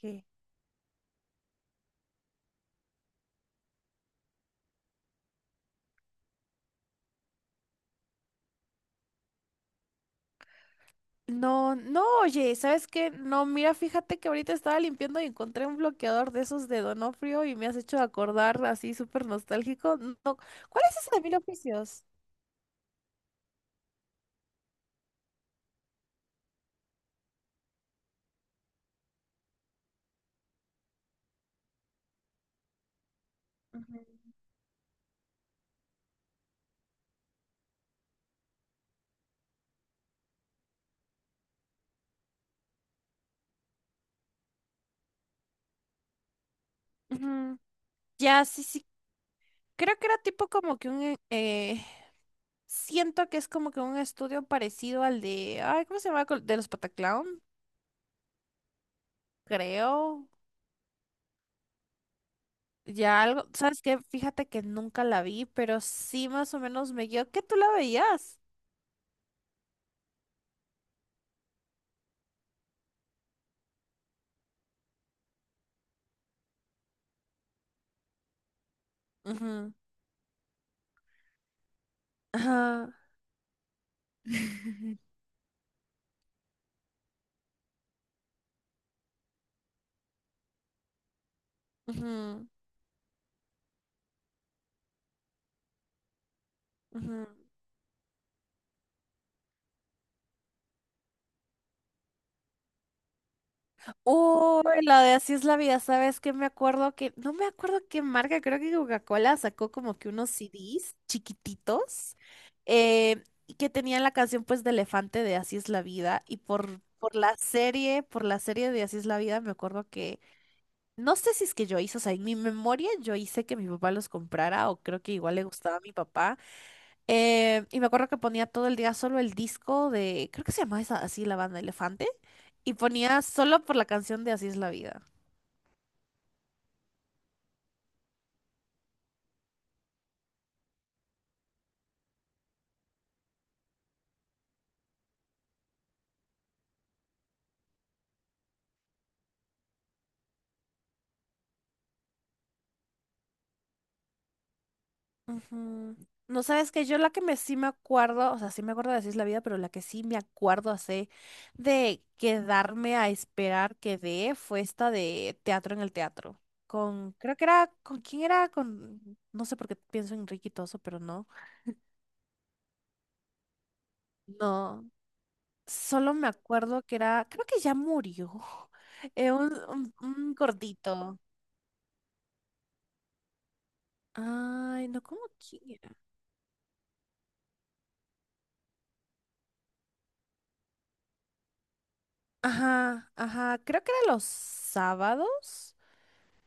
¿Qué? No, oye, ¿sabes qué? No, mira, fíjate que ahorita estaba limpiando y encontré un bloqueador de esos de Donofrio y me has hecho acordar así súper nostálgico. No, no, ¿cuál es ese de Mil Oficios? Ujú. Ujú. Ya, creo que era tipo como que un siento que es como que un estudio parecido al de... Ay, ¿cómo se llama? De los Pataclown, creo. Ya algo, ¿sabes qué? Fíjate que nunca la vi, pero sí más o menos me guió que tú la veías. Ujú. Ajá. Ujú, ujú. Uy, la de Así es la Vida, ¿sabes qué? Me acuerdo que, no me acuerdo qué marca, creo que Coca-Cola sacó como que unos CDs chiquititos, y que tenían la canción pues de Elefante de Así es la Vida y por la serie de Así es la Vida me acuerdo que, no sé si es que yo hice, o sea, en mi memoria yo hice que mi papá los comprara, o creo que igual le gustaba a mi papá. Y me acuerdo que ponía todo el día solo el disco de, creo que se llamaba así la banda Elefante. Y ponía solo por la canción de Así es la Vida. Ujú. No sabes que yo la que me sí me acuerdo, o sea, sí me acuerdo de Así es la Vida, pero la que sí me acuerdo hace de quedarme a esperar que dé, fue esta de Teatro en el Teatro. Con, creo que era, ¿con quién era? Con, no sé por qué pienso en Ricky Toso, pero no. No, solo me acuerdo que era, creo que ya murió. Un, un gordito. Ay, no, ¿cómo quién? Ajá, ajá, creo que era los sábados,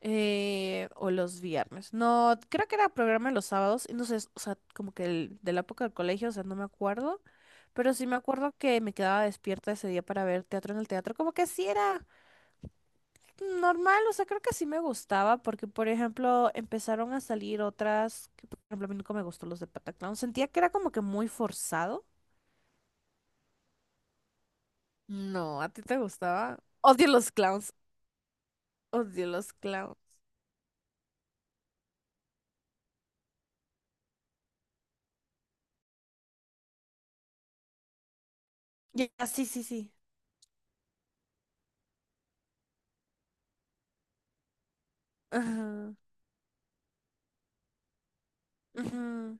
o los viernes. No, creo que era programa los sábados. Y no sé, o sea, como que de la época del colegio, o sea, no me acuerdo. Pero sí me acuerdo que me quedaba despierta ese día para ver Teatro en el Teatro. Como que sí era normal, o sea, creo que sí me gustaba. Porque, por ejemplo, empezaron a salir otras, que por ejemplo, a mí nunca me gustó los de Pataclown. Sentía que era como que muy forzado. No, ¿a ti te gustaba? Odio los clowns, odio los clowns. Ya, sí, sí, sí. Ajá, ajá,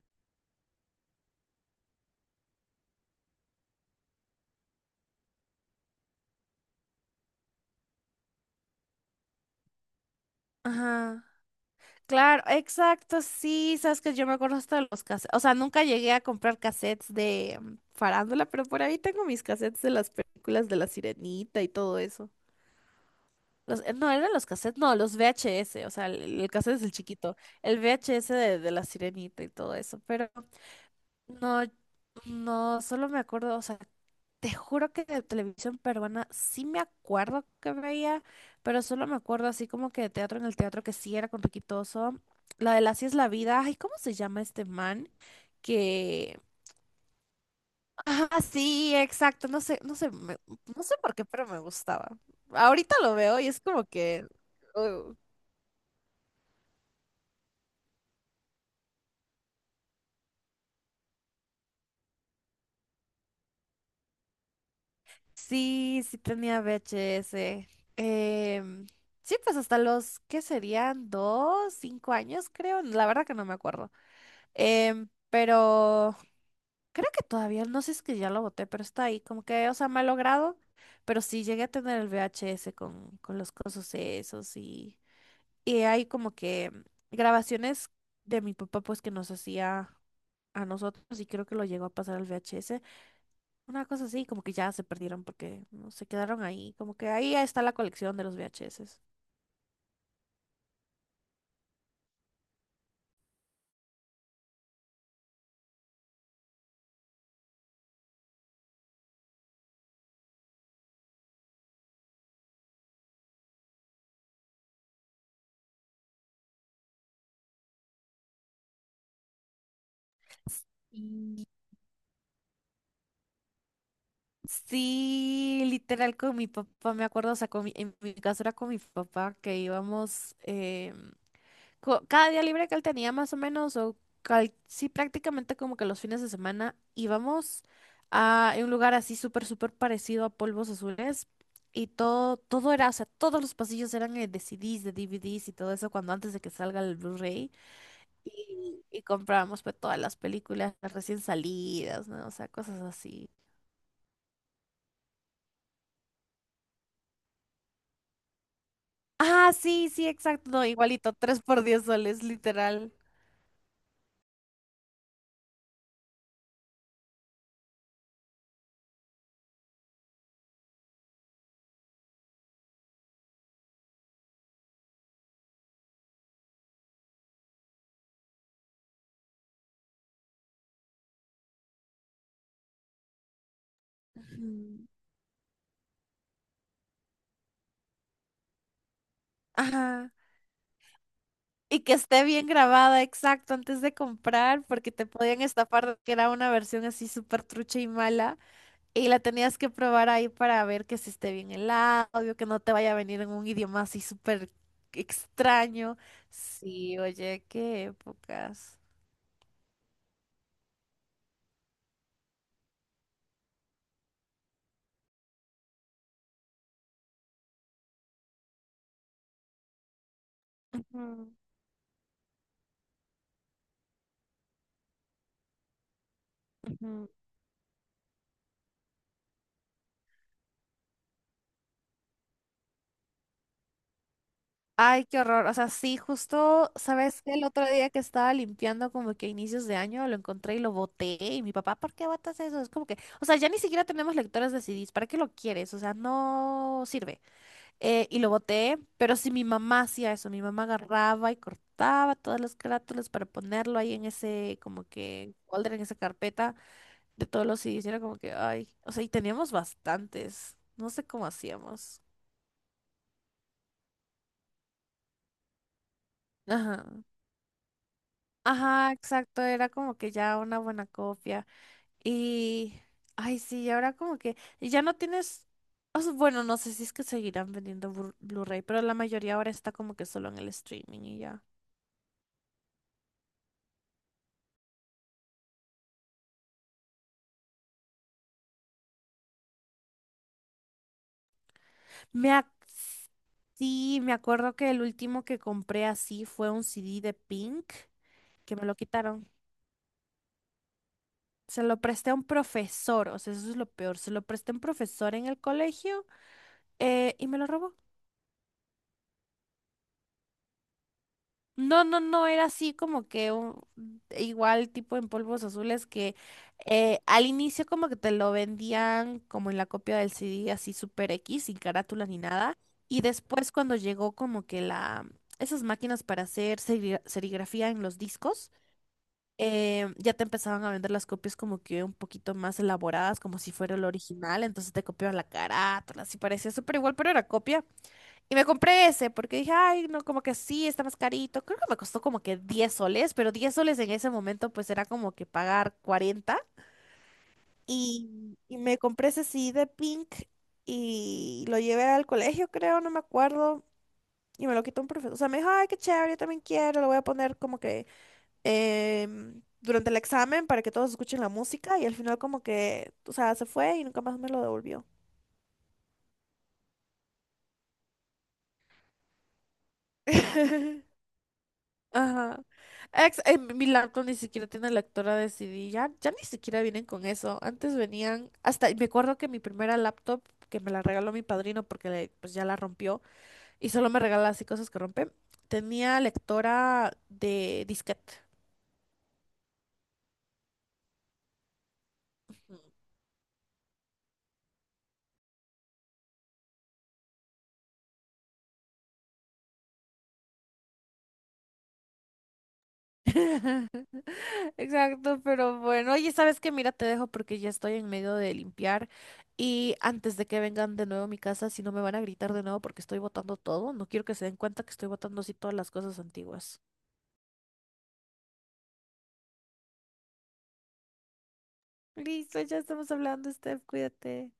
ajá. Claro, exacto, sí, sabes que yo me acuerdo hasta de los cassettes, o sea, nunca llegué a comprar cassettes de farándula, pero por ahí tengo mis cassettes de las películas de La Sirenita y todo eso. Los, no, eran los cassettes, no, los VHS, o sea, el cassette es el chiquito, el VHS de La Sirenita y todo eso, pero no, no, solo me acuerdo, o sea, te juro que de televisión peruana sí me acuerdo que veía, pero solo me acuerdo así como que de Teatro en el Teatro, que sí era con Riquitoso. La de Así es la Vida. Ay, ¿cómo se llama este man? Que. Ah, sí, exacto. No sé, no sé por qué, pero me gustaba. Ahorita lo veo y es como que. Uh, sí, sí tenía VHS. Em, sí, pues hasta los, ¿qué serían? ¿2? ¿5 años? Creo. La verdad que no me acuerdo. Em, pero. Creo que todavía, no sé si es que ya lo boté, pero está ahí, como que, o sea, me ha logrado, pero sí llegué a tener el VHS con los cosas esos y hay como que grabaciones de mi papá pues que nos hacía a nosotros, y creo que lo llegó a pasar al VHS, una cosa así, como que ya se perdieron porque no se quedaron ahí, como que ahí está la colección de los VHS. Y- Sí, literal con mi papá, me acuerdo, o sea, con en mi caso era con mi papá que íbamos, em, cada día libre que él tenía más o menos, o sí, prácticamente como que los fines de semana íbamos a un lugar así súper, súper parecido a Polvos Azules, y todo, todo era, o sea, todos los pasillos eran de CDs, de DVDs y todo eso, cuando antes de que salga el Blu-ray, y comprábamos pues todas las películas recién salidas, ¿no? O sea, cosas así. Ah, sí, sí, exacto, no, igualito, tres por diez soles, literal. Ujú. Ajá. Y que esté bien grabada, exacto, antes de comprar, porque te podían estafar de que era una versión así súper trucha y mala, y la tenías que probar ahí para ver que si esté bien el audio, que no te vaya a venir en un idioma así súper extraño. Sí, oye, qué épocas. Ujú, ujú. Ay, qué horror. O sea, sí, justo, ¿sabes qué? El otro día que estaba limpiando como que a inicios de año lo encontré y lo boté. Y mi papá, ¿por qué botas eso? Es como que, o sea, ya ni siquiera tenemos lectores de CDs. ¿Para qué lo quieres? O sea, no sirve. Y lo boté, pero sí mi mamá hacía eso. Mi mamá agarraba y cortaba todas las carátulas para ponerlo ahí en ese, como que, folder, en esa carpeta de todos los CDs. Y era como que, ay, o sea, y teníamos bastantes. No sé cómo hacíamos. Ajá. Ajá, exacto, era como que ya una buena copia. Y, ay, sí, ahora como que y ya no tienes, o sea, bueno, no sé si es que seguirán vendiendo Blu-ray, pero la mayoría ahora está como que solo en el streaming y ya. Me ac- sí, me acuerdo que el último que compré así fue un CD de Pink, que me lo quitaron. Se lo presté a un profesor, o sea, eso es lo peor, se lo presté a un profesor en el colegio, y me lo robó. No, era así como que un- igual tipo en Polvos Azules, que al inicio como que te lo vendían como en la copia del CD así super X, sin carátula ni nada. Y después cuando llegó como que esas máquinas para hacer serigrafía en los discos, ya te empezaban a vender las copias como que un poquito más elaboradas, como si fuera el original. Entonces te copiaban la carátula, así parecía súper igual, pero era copia. Y me compré ese porque dije, ay, no, como que sí, está más carito. Creo que me costó como que 10 soles, pero 10 soles en ese momento pues era como que pagar 40. Y me compré ese sí de Pink y lo llevé al colegio, creo, no me acuerdo. Y me lo quitó un profesor. O sea, me dijo, ay, qué chévere, yo también quiero. Lo voy a poner como que durante el examen para que todos escuchen la música. Y al final como que, o sea, se fue y nunca más me lo devolvió. Ajá. Mi laptop ni siquiera tiene lectora de CD, ya, ya ni siquiera vienen con eso. Antes venían, hasta, me acuerdo que mi primera laptop, que me la regaló mi padrino porque pues ya la rompió, y solo me regala así cosas que rompe, tenía lectora de disquete. Exacto, pero bueno, oye, ¿sabes qué? Mira, te dejo porque ya estoy en medio de limpiar, y antes de que vengan de nuevo a mi casa, si no me van a gritar de nuevo porque estoy botando todo, no quiero que se den cuenta que estoy botando así todas las cosas antiguas. Listo, ya estamos hablando, Steph, cuídate.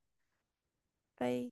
Bye.